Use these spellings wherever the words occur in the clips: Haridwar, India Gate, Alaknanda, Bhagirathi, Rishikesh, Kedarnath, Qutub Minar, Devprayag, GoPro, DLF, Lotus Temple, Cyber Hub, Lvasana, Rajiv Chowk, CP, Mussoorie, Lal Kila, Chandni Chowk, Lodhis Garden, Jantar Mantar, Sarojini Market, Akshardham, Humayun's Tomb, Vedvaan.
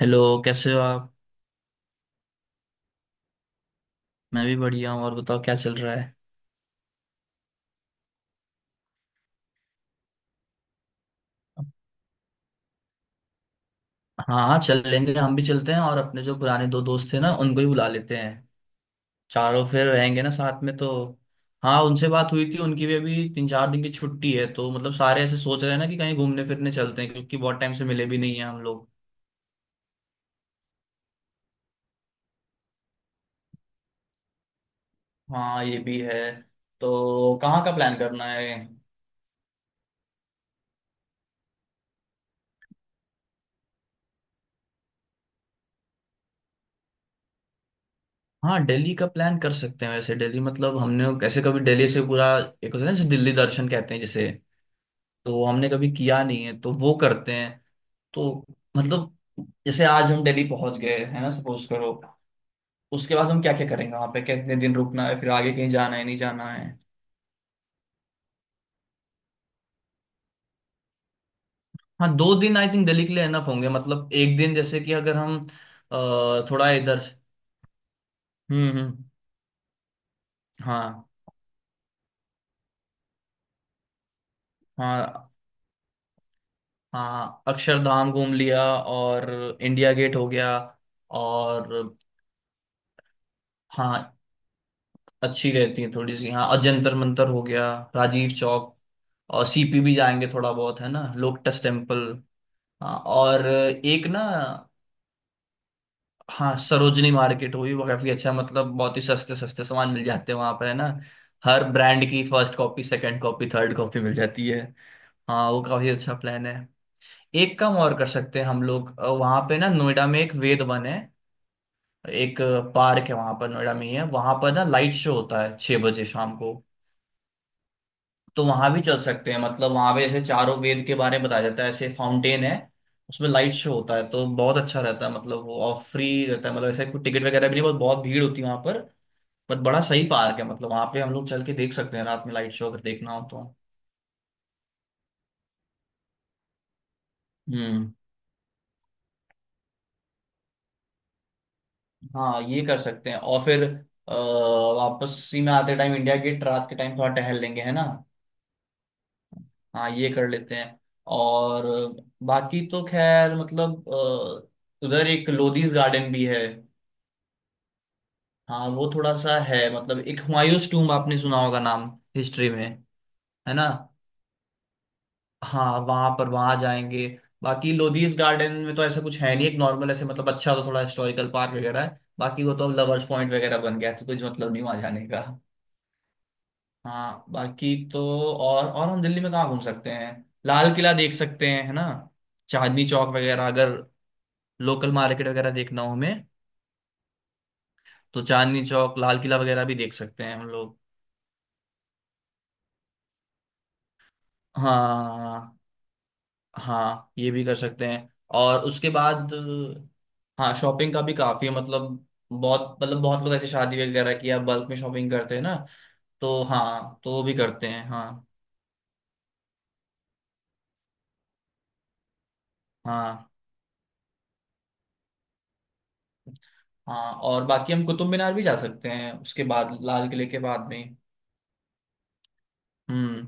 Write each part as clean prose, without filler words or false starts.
Hello. कैसे हो आप। मैं भी बढ़िया हूँ और बताओ क्या चल रहा है। हाँ हाँ चल लेंगे, हम भी चलते हैं, और अपने जो पुराने दो दोस्त थे ना उनको ही बुला लेते हैं। चारों फिर रहेंगे ना साथ में तो। हाँ उनसे बात हुई थी, उनकी भी अभी 3 4 दिन की छुट्टी है, तो मतलब सारे ऐसे सोच रहे हैं ना कि कहीं घूमने फिरने चलते हैं क्योंकि बहुत टाइम से मिले भी नहीं है हम लोग। हाँ ये भी है। तो कहाँ का प्लान करना है। हाँ दिल्ली का प्लान कर सकते हैं। वैसे दिल्ली मतलब हमने कैसे कभी दिल्ली से पूरा एक होता है ना जैसे दिल्ली दर्शन कहते हैं जिसे। तो हमने कभी किया नहीं है, तो वो करते हैं। तो मतलब जैसे आज हम दिल्ली पहुंच गए है ना, सपोज करो। उसके बाद हम क्या क्या करेंगे वहां पे, कितने दिन रुकना है, फिर आगे कहीं जाना है नहीं जाना है। हाँ दो दिन आई थिंक दिल्ली के लिए एनफ होंगे, मतलब एक दिन जैसे कि अगर हम थोड़ा इधर। हम्म। हाँ हाँ हाँ। अक्षरधाम घूम लिया और इंडिया गेट हो गया। और हाँ अच्छी रहती है थोड़ी सी। हाँ अजंतर मंतर हो गया, राजीव चौक, और सीपी भी जाएंगे थोड़ा बहुत है ना। Lotus temple. हाँ और एक ना। हाँ सरोजनी मार्केट, वो भी काफी अच्छा, मतलब बहुत ही सस्ते सस्ते सामान मिल जाते हैं वहां पर है ना। हर ब्रांड की first copy second copy third copy मिल जाती है। हाँ वो काफी अच्छा प्लान है। एक काम और कर सकते हैं हम लोग। वहां पे ना नोएडा में एक वेद वन है। एक पार्क है, वहां पर नोएडा में ही है। वहां पर ना लाइट शो होता है 6 बजे शाम को। तो वहां भी चल सकते हैं, मतलब वहां पे जैसे चारों वेद के बारे में बताया जाता है, ऐसे फाउंटेन है, उसमें लाइट शो होता है, तो बहुत अच्छा रहता है। मतलब वो और फ्री रहता है, मतलब ऐसे कोई टिकट वगैरह भी नहीं। बहुत बहुत भीड़ होती है वहां पर। बट बड़ा सही पार्क है, मतलब वहां पे हम लोग चल के देख सकते हैं रात में लाइट शो अगर देखना हो तो। हम्म। हाँ ये कर सकते हैं और फिर अ, वापसी में आते टाइम इंडिया गेट रात के टाइम थोड़ा टहल लेंगे है ना। हाँ ये कर लेते हैं। और बाकी तो खैर मतलब उधर एक लोधीज गार्डन भी है। हाँ वो थोड़ा सा है, मतलब एक हुमायूंस टूम्ब आपने सुना होगा नाम हिस्ट्री में, है ना। हाँ वहां पर वहां जाएंगे। बाकी लोधीस गार्डन में तो ऐसा कुछ है नहीं, एक नॉर्मल ऐसे, मतलब अच्छा तो थोड़ा हिस्टोरिकल पार्क वगैरह है, बाकी वो तो अब लवर्स पॉइंट वगैरह बन गया है, तो कुछ मतलब नहीं वहां जाने का। हाँ बाकी तो। और हम दिल्ली में कहाँ घूम सकते हैं। लाल किला देख सकते हैं है ना। चांदनी चौक वगैरह, अगर लोकल मार्केट वगैरह देखना हो हमें, तो चांदनी चौक लाल किला वगैरह भी देख सकते हैं हम लोग। हाँ हाँ ये भी कर सकते हैं। और उसके बाद हाँ शॉपिंग का भी काफी है, मतलब बहुत लोग ऐसे शादी वगैरह की या बल्क में शॉपिंग करते हैं ना, तो हाँ तो वो भी करते हैं। हाँ हाँ हाँ। और बाकी हम कुतुब मीनार भी जा सकते हैं उसके बाद, लाल किले के बाद में। हम्म।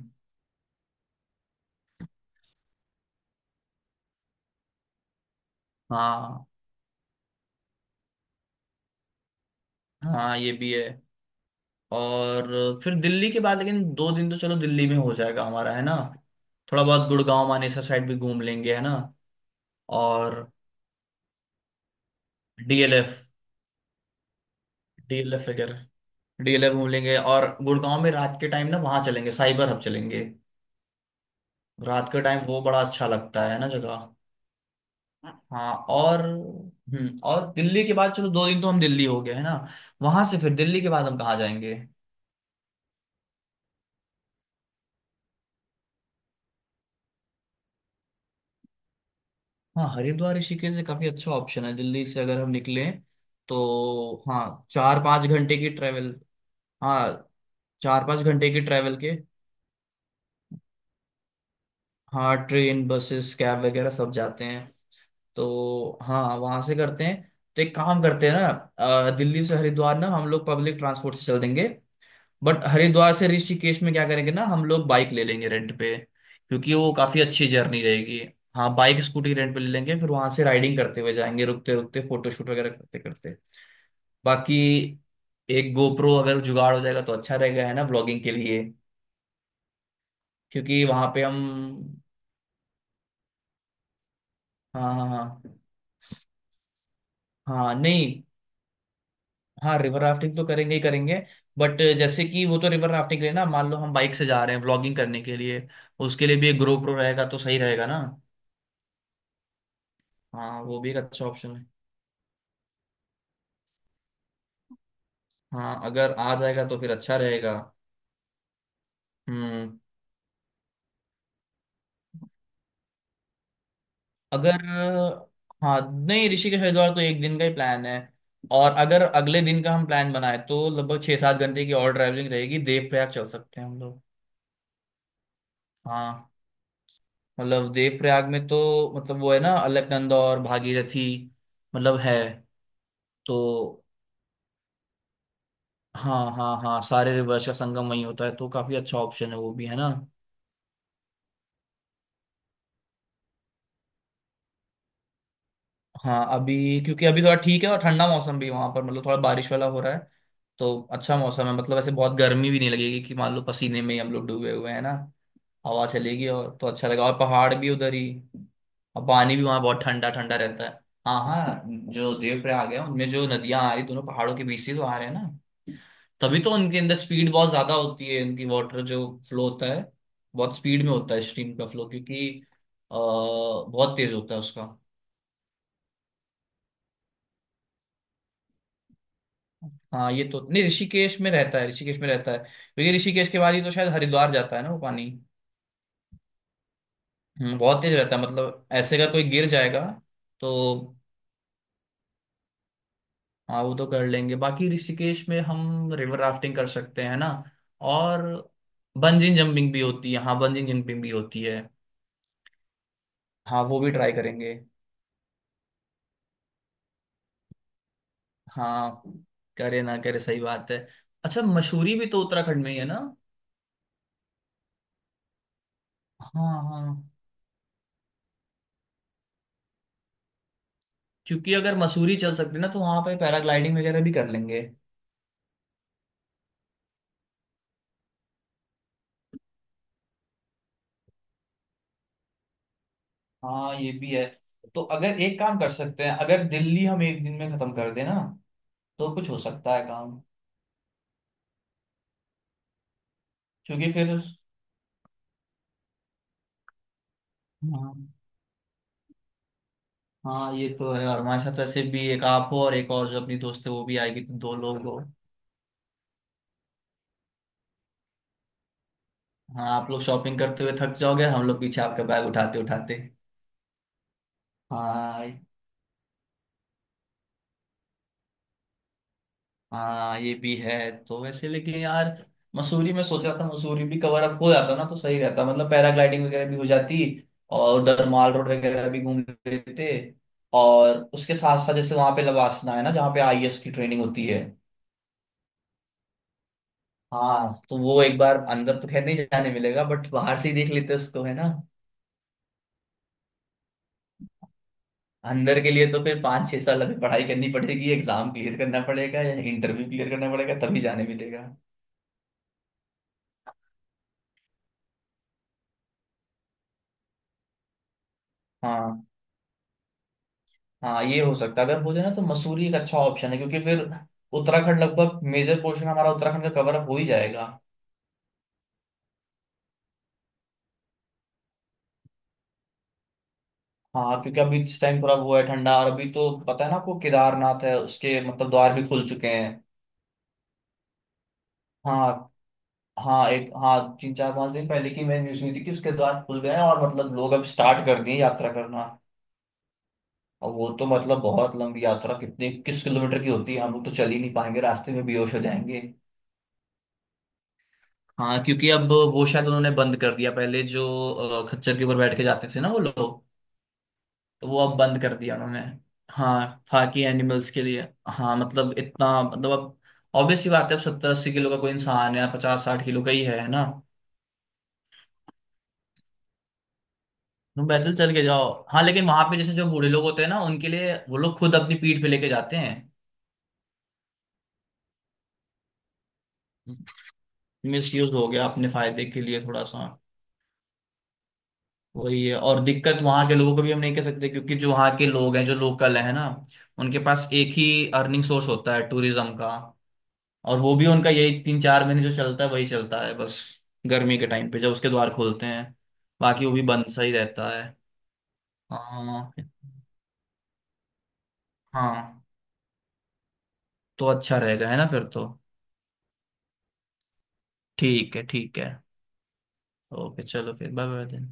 हाँ हाँ ये भी है। और फिर दिल्ली के बाद, लेकिन दो दिन तो चलो दिल्ली में हो जाएगा हमारा है ना। थोड़ा बहुत गुड़गांव मानेसर साइड भी घूम लेंगे है ना। और डीएलएफ। डीएलएफ वगैरह, डीएलएफ घूम लेंगे, और गुड़गांव में रात के टाइम ना वहां चलेंगे, साइबर हब चलेंगे। रात के टाइम वो बड़ा अच्छा लगता है ना जगह। हाँ और दिल्ली के बाद, चलो दो दिन तो हम दिल्ली हो गए है ना। वहां से फिर दिल्ली के बाद हम कहाँ जाएंगे। हाँ हरिद्वार ऋषिकेश से काफी अच्छा ऑप्शन है दिल्ली से, अगर हम निकले तो। हाँ 4 5 घंटे की ट्रेवल। हाँ 4 5 घंटे की ट्रेवल के। हाँ ट्रेन बसेस कैब वगैरह सब जाते हैं। तो हाँ वहां से करते हैं। तो एक काम करते हैं ना। दिल्ली से हरिद्वार ना हम लोग पब्लिक ट्रांसपोर्ट से चल देंगे। बट हरिद्वार से ऋषिकेश में क्या करेंगे ना, हम लोग बाइक ले लेंगे रेंट पे, क्योंकि वो काफी अच्छी जर्नी रहेगी। हाँ बाइक स्कूटी रेंट पे ले लेंगे, फिर वहां से राइडिंग करते हुए जाएंगे, रुकते रुकते फोटोशूट वगैरह करते करते। बाकी एक गोप्रो अगर जुगाड़ हो जाएगा तो अच्छा रहेगा है ना, ब्लॉगिंग के लिए। क्योंकि वहां पे हम हाँ हाँ हाँ। हाँ नहीं। हाँ रिवर राफ्टिंग तो करेंगे ही करेंगे। बट जैसे कि वो तो रिवर राफ्टिंग के लिए ना, मान लो हम बाइक से जा रहे हैं व्लॉगिंग करने के लिए, उसके लिए भी एक GoPro रहेगा तो सही रहेगा ना। हाँ वो भी एक अच्छा ऑप्शन है। हाँ अगर आ जाएगा तो फिर अच्छा रहेगा। हम्म। अगर हाँ नहीं, ऋषिकेश हरिद्वार तो एक दिन का ही प्लान है। और अगर अगले दिन का हम प्लान बनाए, तो लगभग 6 7 घंटे की और ट्रैवलिंग रहेगी, देवप्रयाग चल सकते हैं हम लोग। हाँ मतलब देवप्रयाग में तो, मतलब वो है ना अलकनंदा और भागीरथी, मतलब है तो। हाँ हाँ हाँ, सारे रिवर्स का संगम वहीं होता है, तो काफी अच्छा ऑप्शन है वो भी है ना। हाँ अभी, क्योंकि अभी थोड़ा ठीक है और ठंडा मौसम भी वहां पर, मतलब थोड़ा बारिश वाला हो रहा है, तो अच्छा मौसम है। मतलब ऐसे बहुत गर्मी भी नहीं लगेगी कि मान लो पसीने में ही हम लोग डूबे हुए हैं ना। हवा चलेगी और तो अच्छा लगा, और पहाड़ भी उधर ही। और पानी भी वहां बहुत ठंडा ठंडा रहता है। हाँ हाँ जो देवप्रयाग है, उनमें जो नदियां आ रही दोनों पहाड़ों के बीच से, तो आ रहे हैं ना। तभी तो उनके अंदर स्पीड बहुत ज्यादा होती है, इनकी वाटर जो फ्लो होता है बहुत स्पीड में होता है, स्ट्रीम का फ्लो, क्योंकि बहुत तेज होता है उसका। हाँ ये तो नहीं ऋषिकेश में रहता है, ऋषिकेश में रहता है क्योंकि ऋषिकेश के बाद ही तो शायद हरिद्वार जाता है ना वो पानी। बहुत तेज रहता है, मतलब ऐसे अगर कोई गिर जाएगा तो। हाँ वो तो कर लेंगे बाकी, ऋषिकेश में हम रिवर राफ्टिंग कर सकते हैं ना। और बंजिंग जंपिंग भी होती है, हाँ बंजिंग जंपिंग भी होती है। हाँ वो भी ट्राई करेंगे। हाँ करे ना करे, सही बात है। अच्छा मसूरी भी तो उत्तराखंड में ही है ना। हाँ हाँ क्योंकि अगर मसूरी चल सकते ना, तो वहां पे पैराग्लाइडिंग वगैरह भी कर लेंगे। हाँ ये भी है। तो अगर एक काम कर सकते हैं, अगर दिल्ली हम एक दिन में खत्म कर दें ना, तो कुछ हो सकता है काम, क्योंकि फिर। हाँ हाँ ये तो है, और हमारे साथ वैसे भी एक आप हो और एक और जो अपनी दोस्त है वो भी आएगी, तो दो लोग हो। हाँ आप लोग शॉपिंग करते हुए थक जाओगे, हम लोग पीछे आपका बैग उठाते उठाते। हाँ हाँ ये भी है। तो वैसे लेकिन यार, मसूरी में सोचा था मसूरी भी कवर अप हो जाता ना तो सही रहता, मतलब पैराग्लाइडिंग वगैरह भी हो जाती, और उधर माल रोड वगैरह भी घूम लेते, और उसके साथ साथ जैसे वहां पे लवासना है ना जहाँ पे आईएएस की ट्रेनिंग होती है। हाँ तो वो एक बार अंदर तो खैर नहीं जाने मिलेगा, बट बाहर से ही देख लेते उसको है ना। अंदर के लिए तो फिर 5 6 साल अभी पढ़ाई करनी पड़ेगी, एग्जाम क्लियर करना पड़ेगा या इंटरव्यू क्लियर करना पड़ेगा तभी जाने मिलेगा। हाँ हाँ ये हो सकता है, अगर हो जाए ना तो मसूरी एक अच्छा ऑप्शन है, क्योंकि फिर उत्तराखंड लगभग मेजर पोर्शन हमारा उत्तराखंड का कवर अप हो ही जाएगा। हाँ क्योंकि अभी इस टाइम थोड़ा वो है ठंडा, और अभी तो पता है ना आपको केदारनाथ है, उसके मतलब द्वार भी खुल चुके हैं। हाँ हाँ एक हाँ 3 4 5 दिन पहले की मैंने न्यूज सुनी थी कि उसके द्वार खुल गए हैं, और मतलब लोग अब स्टार्ट कर दिए यात्रा करना। और वो तो मतलब बहुत लंबी यात्रा, कितनी किस किलोमीटर की होती है, हम लोग तो चल ही नहीं पाएंगे, रास्ते में बेहोश हो जाएंगे। हाँ क्योंकि अब वो शायद उन्होंने बंद कर दिया पहले जो खच्चर के ऊपर बैठ के जाते थे ना वो लोग, तो वो अब बंद कर दिया उन्होंने। हाँ ताकि एनिमल्स के लिए। हाँ मतलब इतना मतलब अब ऑब्वियस सी बात है, अब 70 80 किलो का कोई इंसान है, 50 60 किलो का ही है ना। तुम पैदल चल के जाओ। हाँ लेकिन वहां पे जैसे जो बूढ़े लोग होते हैं ना, उनके लिए वो लोग खुद अपनी पीठ पे लेके जाते हैं। मिस यूज हो गया अपने फायदे के लिए थोड़ा सा। वही है और दिक्कत, वहां के लोगों को भी हम नहीं कह सकते क्योंकि जो वहां के लोग हैं जो लोकल है ना, उनके पास एक ही अर्निंग सोर्स होता है टूरिज्म का। और वो भी उनका यही 3 4 महीने जो चलता है वही चलता है बस, गर्मी के टाइम पे जब उसके द्वार खोलते हैं। बाकी वो भी बंद सा ही रहता है। हाँ हाँ तो अच्छा रहेगा है ना फिर तो। ठीक है ठीक है। ओके चलो फिर बाय बाय।